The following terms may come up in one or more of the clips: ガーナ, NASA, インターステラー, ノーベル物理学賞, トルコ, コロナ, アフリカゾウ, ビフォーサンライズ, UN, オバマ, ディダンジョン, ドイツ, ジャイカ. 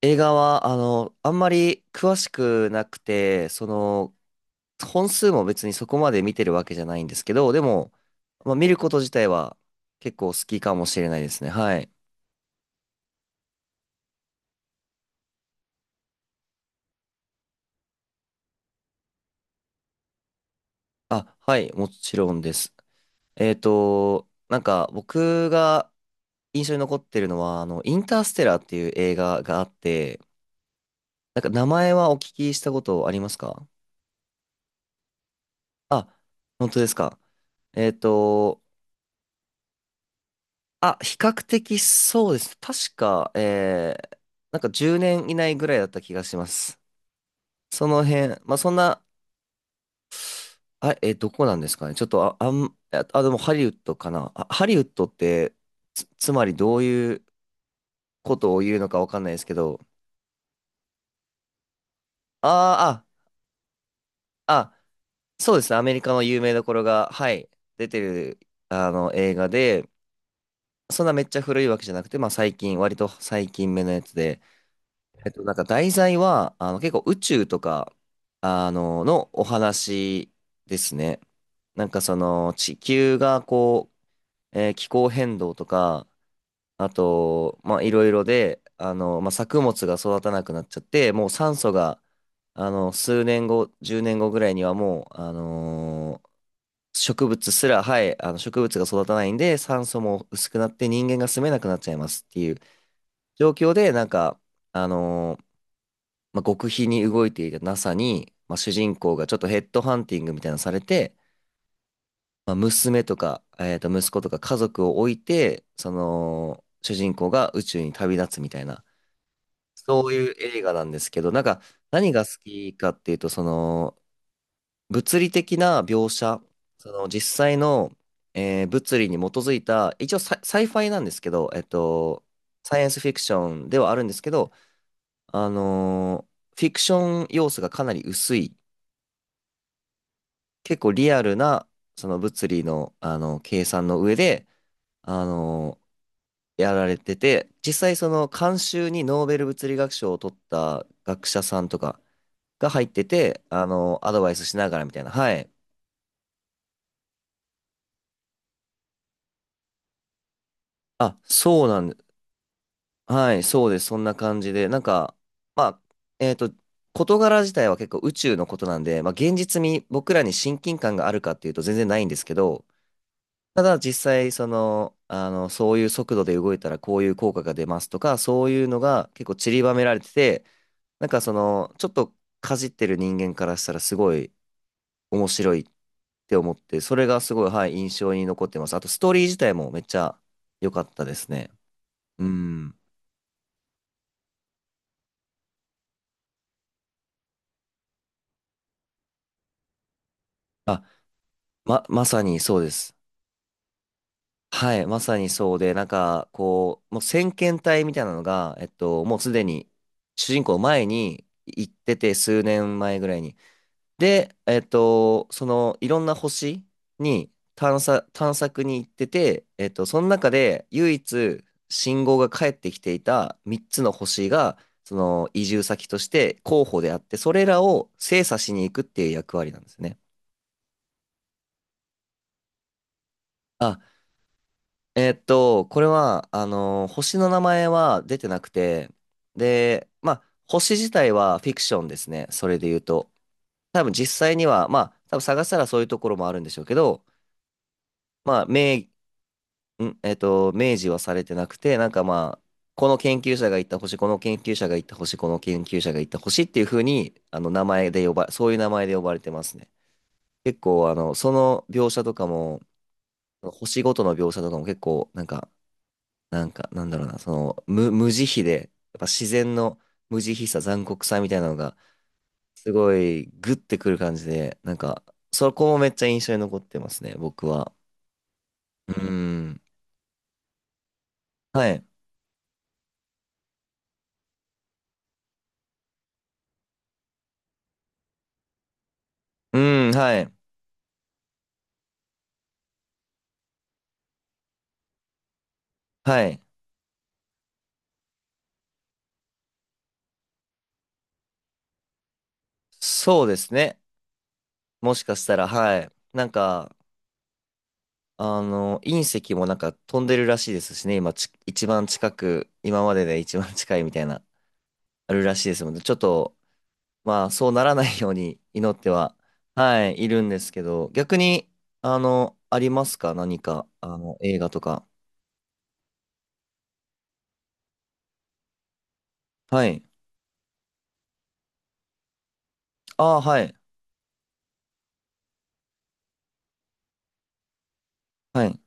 映画は、あんまり詳しくなくて、本数も別にそこまで見てるわけじゃないんですけど、でも、まあ、見ること自体は結構好きかもしれないですね。はい。あ、はい、もちろんです。なんか僕が印象に残ってるのは、インターステラーっていう映画があって、なんか名前はお聞きしたことありますか？あ、本当ですか。えっと、あ、比較的そうです。確か、なんか10年以内ぐらいだった気がします。その辺、まあそんな、あ、どこなんですかね。ちょっと、でもハリウッドかな。あ、ハリウッドって、つまりどういうことを言うのかわかんないですけど、あーあ、あ、そうですね。アメリカの有名どころが、はい、出てる、映画で、そんなめっちゃ古いわけじゃなくて、まあ最近、割と最近目のやつで、なんか題材は、結構宇宙とか、のお話ですね。なんかその、地球がこう、気候変動とか、あと、まあ、いろいろで、まあ、作物が育たなくなっちゃって、もう酸素が、数年後、10年後ぐらいにはもう、植物すら、はい、植物が育たないんで、酸素も薄くなって人間が住めなくなっちゃいますっていう状況で、なんか、あのーまあ、極秘に動いていた NASA に、まあ、主人公がちょっとヘッドハンティングみたいなのされて、まあ、娘とか、息子とか家族を置いて、その、主人公が宇宙に旅立つみたいな、そういう映画なんですけど、なんか、何が好きかっていうと、その、物理的な描写、その、実際の、物理に基づいた、一応サイファイなんですけど、サイエンスフィクションではあるんですけど、あのーフィクション要素がかなり薄い結構リアルな、その物理の、計算の上で、あの、やられてて、実際その監修にノーベル物理学賞を取った学者さんとかが入ってて、アドバイスしながらみたいな。はい。あ、そうなんで、はい、そうです。そんな感じで、なんか、まあ、えっと、事柄自体は結構宇宙のことなんで、まあ、現実に僕らに親近感があるかっていうと全然ないんですけど、ただ実際、そういう速度で動いたらこういう効果が出ますとか、そういうのが結構散りばめられてて、なんかその、ちょっとかじってる人間からしたらすごい面白いって思って、それがすごい、はい、印象に残ってます。あと、ストーリー自体もめっちゃ良かったですね。うん。あ、まさにそうです。はい、まさにそうで、なんか、こう、もう先遣隊みたいなのが、もうすでに主人公前に行ってて、数年前ぐらいに。で、そのいろんな星に探索に行ってて、その中で唯一信号が返ってきていた3つの星が、その移住先として候補であって、それらを精査しに行くっていう役割なんですね。あ、これは、星の名前は出てなくて、で、まあ、星自体はフィクションですね。それで言うと。多分実際には、まあ、多分探したらそういうところもあるんでしょうけど、まあ、名、ん、えっと、明示はされてなくて、なんかまあ、この研究者が行った星、この研究者が行った星、この研究者が行った星っていう風に、名前で呼ば、そういう名前で呼ばれてますね。結構、その描写とかも、星ごとの描写とかも結構、なんか、なんだろうな、無慈悲で、やっぱ自然の無慈悲さ、残酷さみたいなのが、すごい、グッてくる感じで、なんか、そこもめっちゃ印象に残ってますね、僕は。うーん。はい。うーん、はい。はい。そうですね。もしかしたら、はい。なんか、隕石もなんか飛んでるらしいですしね、一番近く、今までで一番近いみたいな、あるらしいですので、ちょっと、まあ、そうならないように祈っては、はい、いるんですけど、逆に、ありますか何か、映画とか。はい。ああ、はい。はい。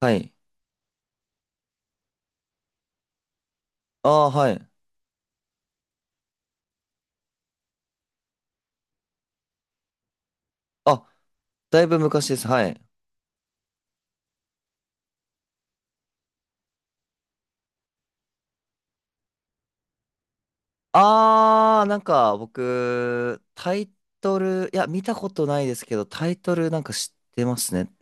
はい。ああ、はい。あ、だいぶ昔です。はい。あー、なんか僕、タイトル、いや、見たことないですけど、タイトルなんか知ってますね。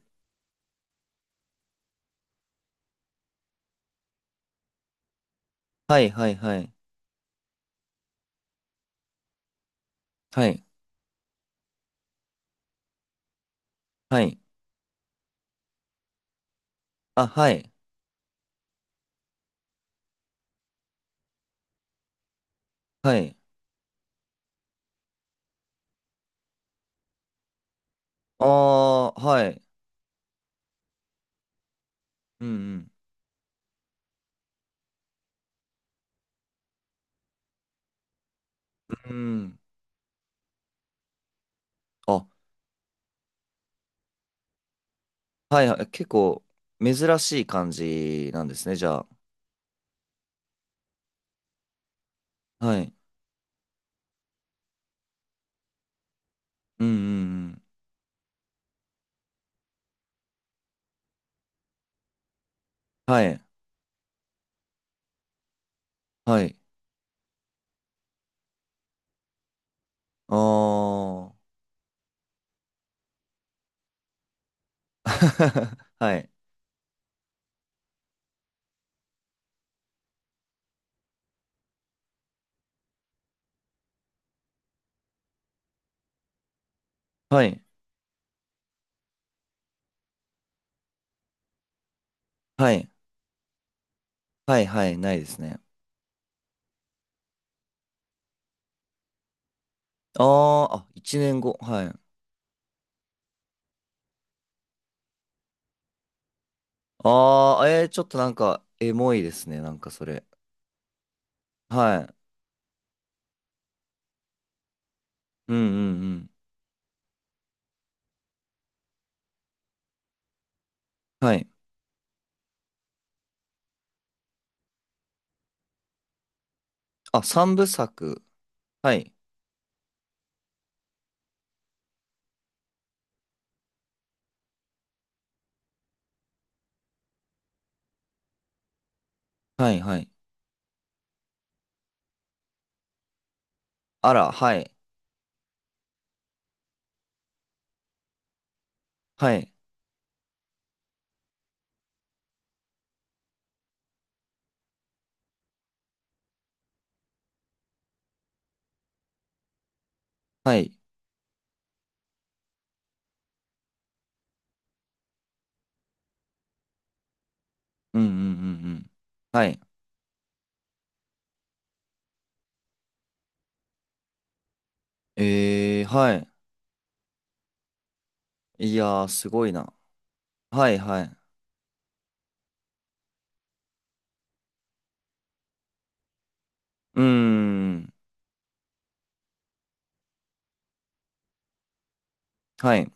はいはいはい。はい。はい。あ、はい。はい。あー、はい。うんうん。うん。あ、はいはい。結構、珍しい感じなんですね、じゃあ。はい。うんうんうん。はい。はい。あー。はい。はい。はい。はいはい。ないですね。あー、あ、1年後。はい。ああ、えー、ちょっとなんか、エモいですね、なんかそれ。はい。うんうんうん。はい。あ、三部作。はい。はいはい。あら、はい。はい。はい。うんうんうんうん。はい。えー、はい。いやー、すごいな。はいはい。うーん。はい。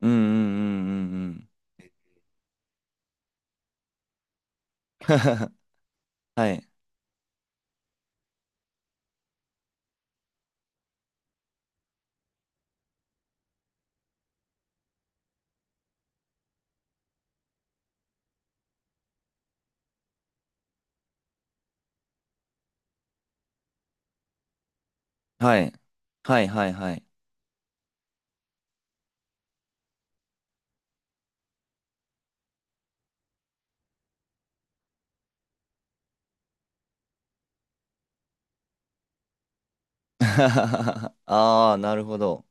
うんうんうんうんうん。はい。はい。はいはいはい。ああ、なるほど。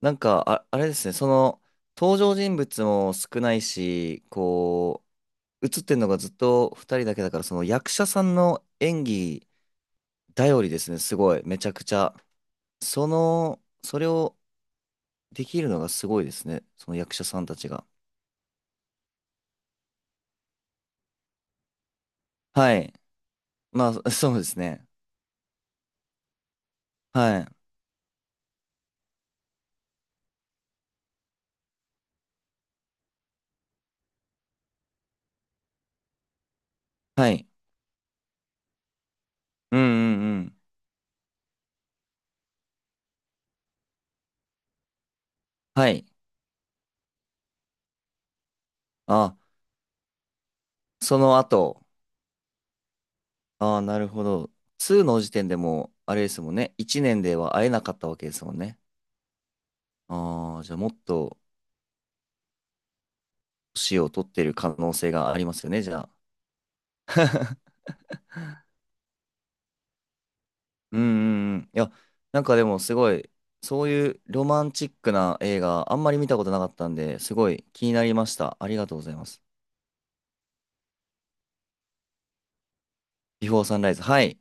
なんか、あ、あれですね、その、登場人物も少ないし、こう、映ってんのがずっと二人だけだから、その役者さんの演技頼りですね、すごい、めちゃくちゃ。その、それをできるのがすごいですね、その役者さんたちが。はい。まあ、そうですね。はい。はい。うんうんうん。はい。あ、その後。ああ、なるほど。2の時点でも、あれですもんね、1年では会えなかったわけですもんね。ああ、じゃあもっと、年を取ってる可能性がありますよね、じゃあ。うんうんうん。いや、なんかでもすごい、そういうロマンチックな映画、あんまり見たことなかったんで、すごい気になりました。ありがとうございます。ビフォーサンライズ。はい。